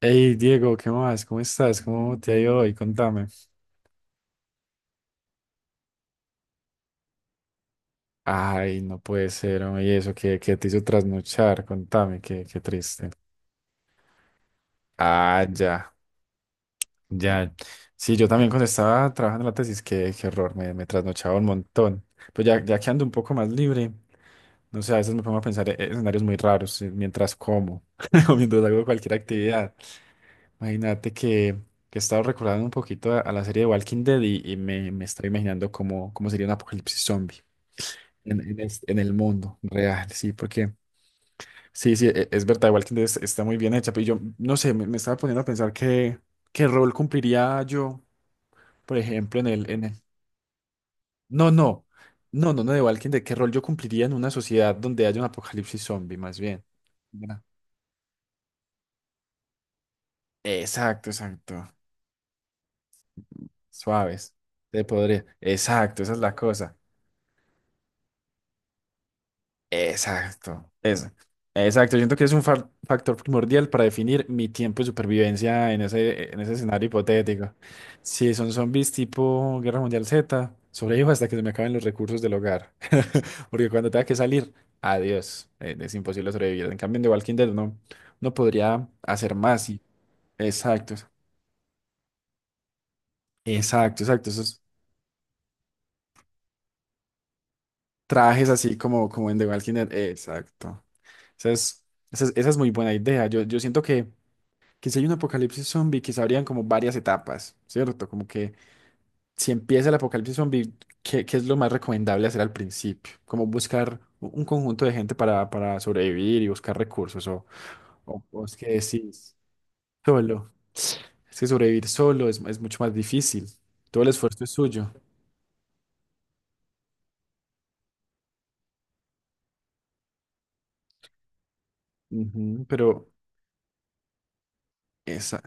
Hey Diego, ¿qué más? ¿Cómo estás? ¿Cómo te ha ido hoy? Contame. Ay, no puede ser, hombre, ¿y eso que te hizo trasnochar? Contame, qué triste. Ah, ya, ya. Sí, yo también cuando estaba trabajando en la tesis, qué error, me trasnochaba un montón. Pero ya, ya que ando un poco más libre, no sé, a veces me pongo a pensar en escenarios muy raros mientras como o mientras hago cualquier actividad. Imagínate que he estado recordando un poquito a la serie de Walking Dead y me estoy imaginando cómo sería un apocalipsis zombie. En el mundo real, sí, porque sí, sí, es verdad, igual que está muy bien hecha, pero yo no sé, me estaba poniendo a pensar qué rol cumpliría yo, por ejemplo, en el. No, no, no, no, no, de Walking Dead, qué rol yo cumpliría en una sociedad donde haya un apocalipsis zombie, más bien. Ya. Exacto, exacto, suaves, te podría, exacto, esa es la cosa. Exacto. Eso. Exacto. Yo siento que es un factor primordial para definir mi tiempo de supervivencia en ese escenario hipotético. Si son zombies tipo Guerra Mundial Z, sobrevivo hasta que se me acaben los recursos del hogar. Porque cuando tenga que salir, adiós. Es imposible sobrevivir. En cambio, en The Walking Dead uno podría hacer más. Y... Exacto. Exacto, exacto. Esos trajes así como en The Walking Dead. Exacto. Esa es, esa es muy buena idea. Yo siento que si hay un apocalipsis zombie, que se abrían como varias etapas, ¿cierto? Como que si empieza el apocalipsis zombie, ¿qué es lo más recomendable hacer al principio? Como buscar un conjunto de gente para sobrevivir y buscar recursos, o, o es que decís solo. Es que sobrevivir solo es mucho más difícil. Todo el esfuerzo es suyo. Ujú, pero esa.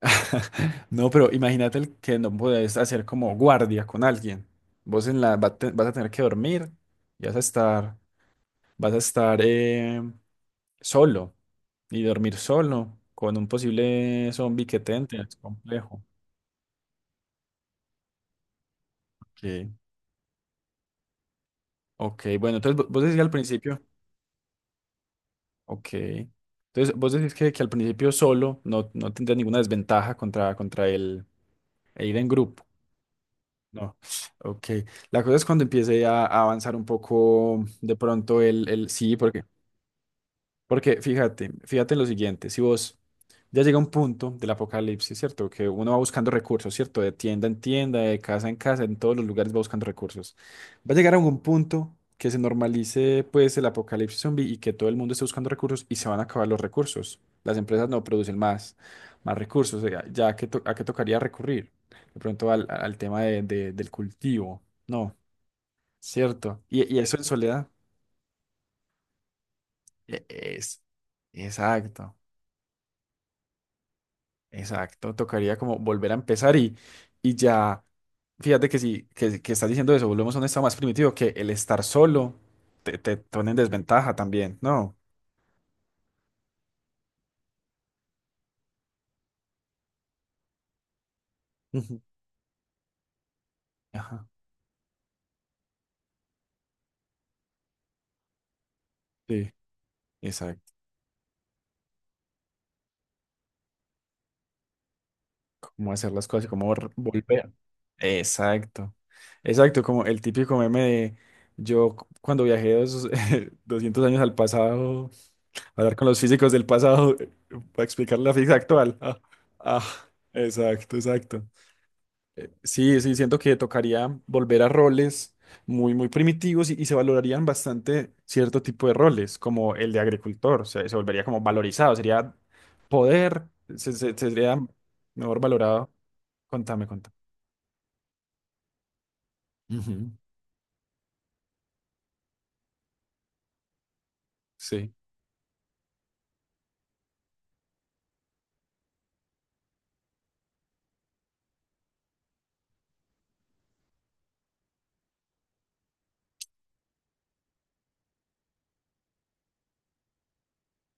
No, pero imagínate el que no podés hacer como guardia con alguien. Vos en la va a te- vas a tener que dormir y vas a estar. Vas a estar solo y dormir solo con un posible zombie que te entre. Es complejo. Ok, ok, bueno, entonces vos decís que al principio, ok. Entonces vos decís que al principio solo no, no tendrías ninguna desventaja contra, contra el e ir en grupo. No, ok. La cosa es cuando empiece a avanzar un poco de pronto el sí. Porque fíjate, fíjate en lo siguiente, si vos ya llega un punto del apocalipsis, ¿cierto? Que uno va buscando recursos, ¿cierto? De tienda en tienda, de casa en casa, en todos los lugares va buscando recursos. Va a llegar a un punto que se normalice pues el apocalipsis zombie y que todo el mundo esté buscando recursos y se van a acabar los recursos. Las empresas no producen más recursos, o sea, ya a qué tocaría recurrir. De pronto al tema del cultivo, ¿no? ¿Cierto? Y eso en soledad. Es, exacto. Exacto, tocaría como volver a empezar y ya, fíjate que si que estás diciendo eso, volvemos a un estado más primitivo, que el estar solo te pone en desventaja también, ¿no? Ujú. Ajá, sí, exacto, cómo hacer las cosas, y cómo volver. Exacto, exacto, como el típico meme de yo cuando viajé 200 años al pasado, a hablar con los físicos del pasado para explicar la física actual. Ah, ah, exacto, exacto. Sí, sí, siento que tocaría volver a roles muy, muy primitivos y se valorarían bastante cierto tipo de roles, como el de agricultor, o sea, se volvería como valorizado, sería poder, sería mejor valorado. Contame, contame. Ujú, sí.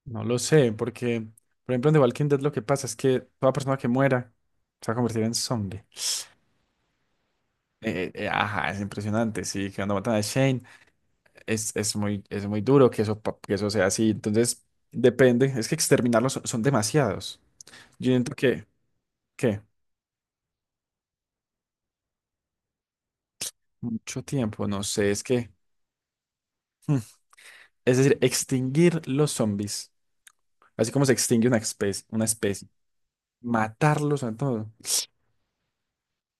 No lo sé, porque, por ejemplo, en The Walking Dead lo que pasa es que toda persona que muera se va a convertir en zombie. Ajá, es impresionante, sí, que cuando matan a Shane. Es muy duro que eso, que eso sea así. Entonces, depende. Es que exterminarlos son demasiados. Yo siento que mucho tiempo, no sé, es que, es decir, extinguir los zombies, así como se extingue una especie, matarlos a todos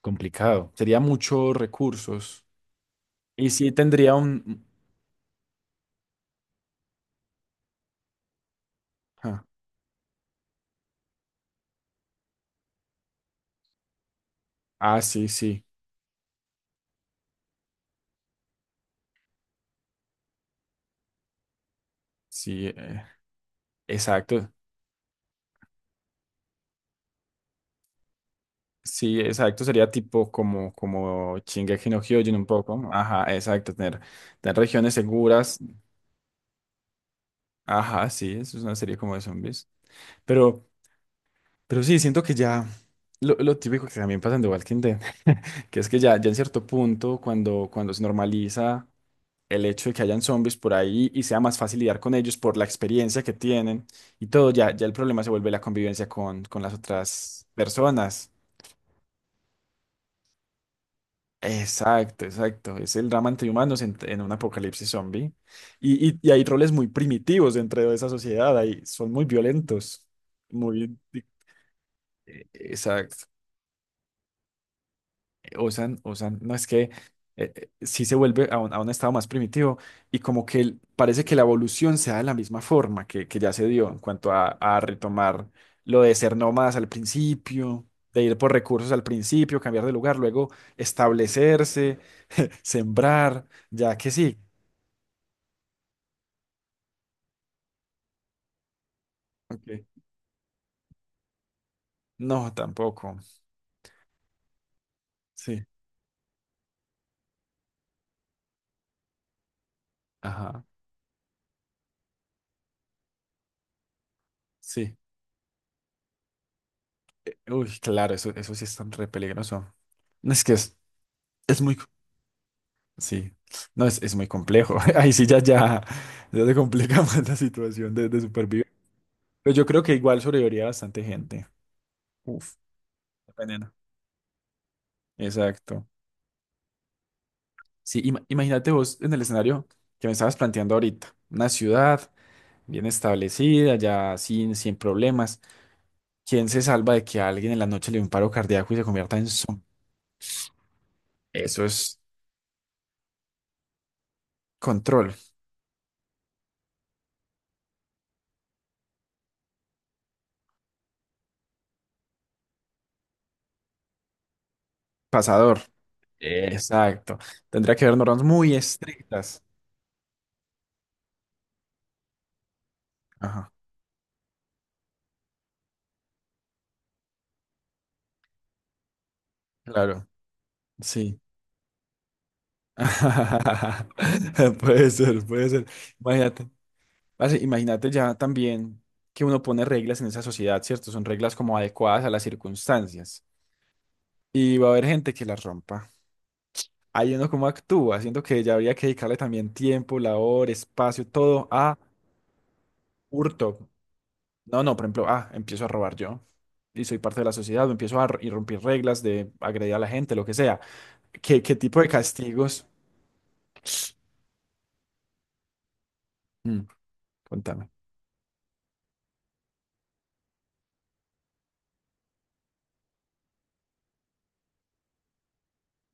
complicado. Sería muchos recursos. Y sí tendría un... Ah, ah, sí, sí, sí, exacto. Sí, exacto, sería tipo como Shingeki no Kyojin un poco. ¿No? Ajá, exacto, tener regiones seguras. Ajá, sí, eso es una serie como de zombies. Pero, pero sí, siento que ya lo típico que también pasa en The Walking Dead, que es que ya, ya en cierto punto, cuando se normaliza el hecho de que hayan zombies por ahí y sea más fácil lidiar con ellos por la experiencia que tienen y todo, ya, ya el problema se vuelve la convivencia con las otras personas. Exacto, exacto. Es el drama entre humanos en un apocalipsis zombie. Y hay roles muy primitivos dentro de esa sociedad. Ahí son muy violentos. Muy. Exacto. Usan, no es que sí se vuelve a un estado más primitivo y como que parece que la evolución se da de la misma forma que ya se dio en cuanto a retomar lo de ser nómadas al principio, de ir por recursos al principio, cambiar de lugar, luego establecerse, sembrar, ya que sí. Ok. No, tampoco. Sí, ajá, sí. Uy, claro, eso sí es tan re peligroso. Es que es muy Sí, no, es muy complejo. Ahí sí ya se complica más la situación de supervivencia. Pero yo creo que igual sobreviviría bastante gente. Uf, dependiendo. Exacto. Sí, imagínate vos en el escenario que me estabas planteando ahorita. Una ciudad bien establecida, ya sin problemas. ¿Quién se salva de que a alguien en la noche le dé un paro cardíaco y se convierta en zombie? Eso es control, pasador. Exacto. Tendría que haber normas muy estrictas. Ajá, claro. Sí. Puede ser, puede ser. Imagínate, parce, imagínate ya también que uno pone reglas en esa sociedad, ¿cierto? Son reglas como adecuadas a las circunstancias y va a haber gente que las rompa. Ahí uno como actúa, siento que ya habría que dedicarle también tiempo, labor, espacio, todo a hurto. No, no, por ejemplo, ah, empiezo a robar yo y soy parte de la sociedad, o empiezo a romper reglas de agredir a la gente, lo que sea. ¿Qué tipo de castigos? Mm, contame.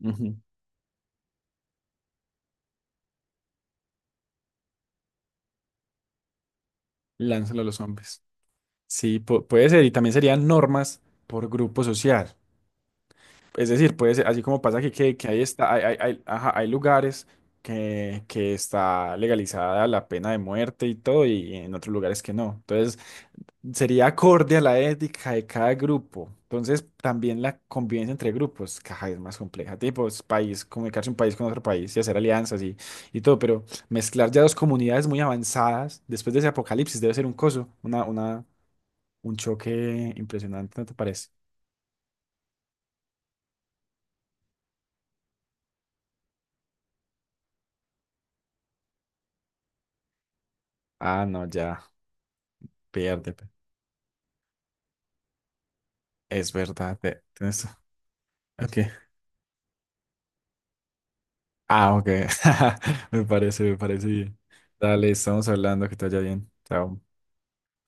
Ujú. Lánzalo a los hombres. Sí, puede ser, y también serían normas por grupo social. Es decir, puede ser, así como pasa que ahí está, ajá, hay lugares que está legalizada la pena de muerte y todo, y en otros lugares que no. Entonces, sería acorde a la ética de cada grupo. Entonces, también la convivencia entre grupos, caja, es más compleja. Tipo, es país, comunicarse un país con otro país y hacer alianzas y todo, pero mezclar ya dos comunidades muy avanzadas después de ese apocalipsis debe ser un coso, un choque impresionante, ¿no te parece? Ah, no, ya, pierde. Es verdad. Ok. Ah, ok. Me parece bien. Dale, estamos hablando, que te vaya bien. Chao.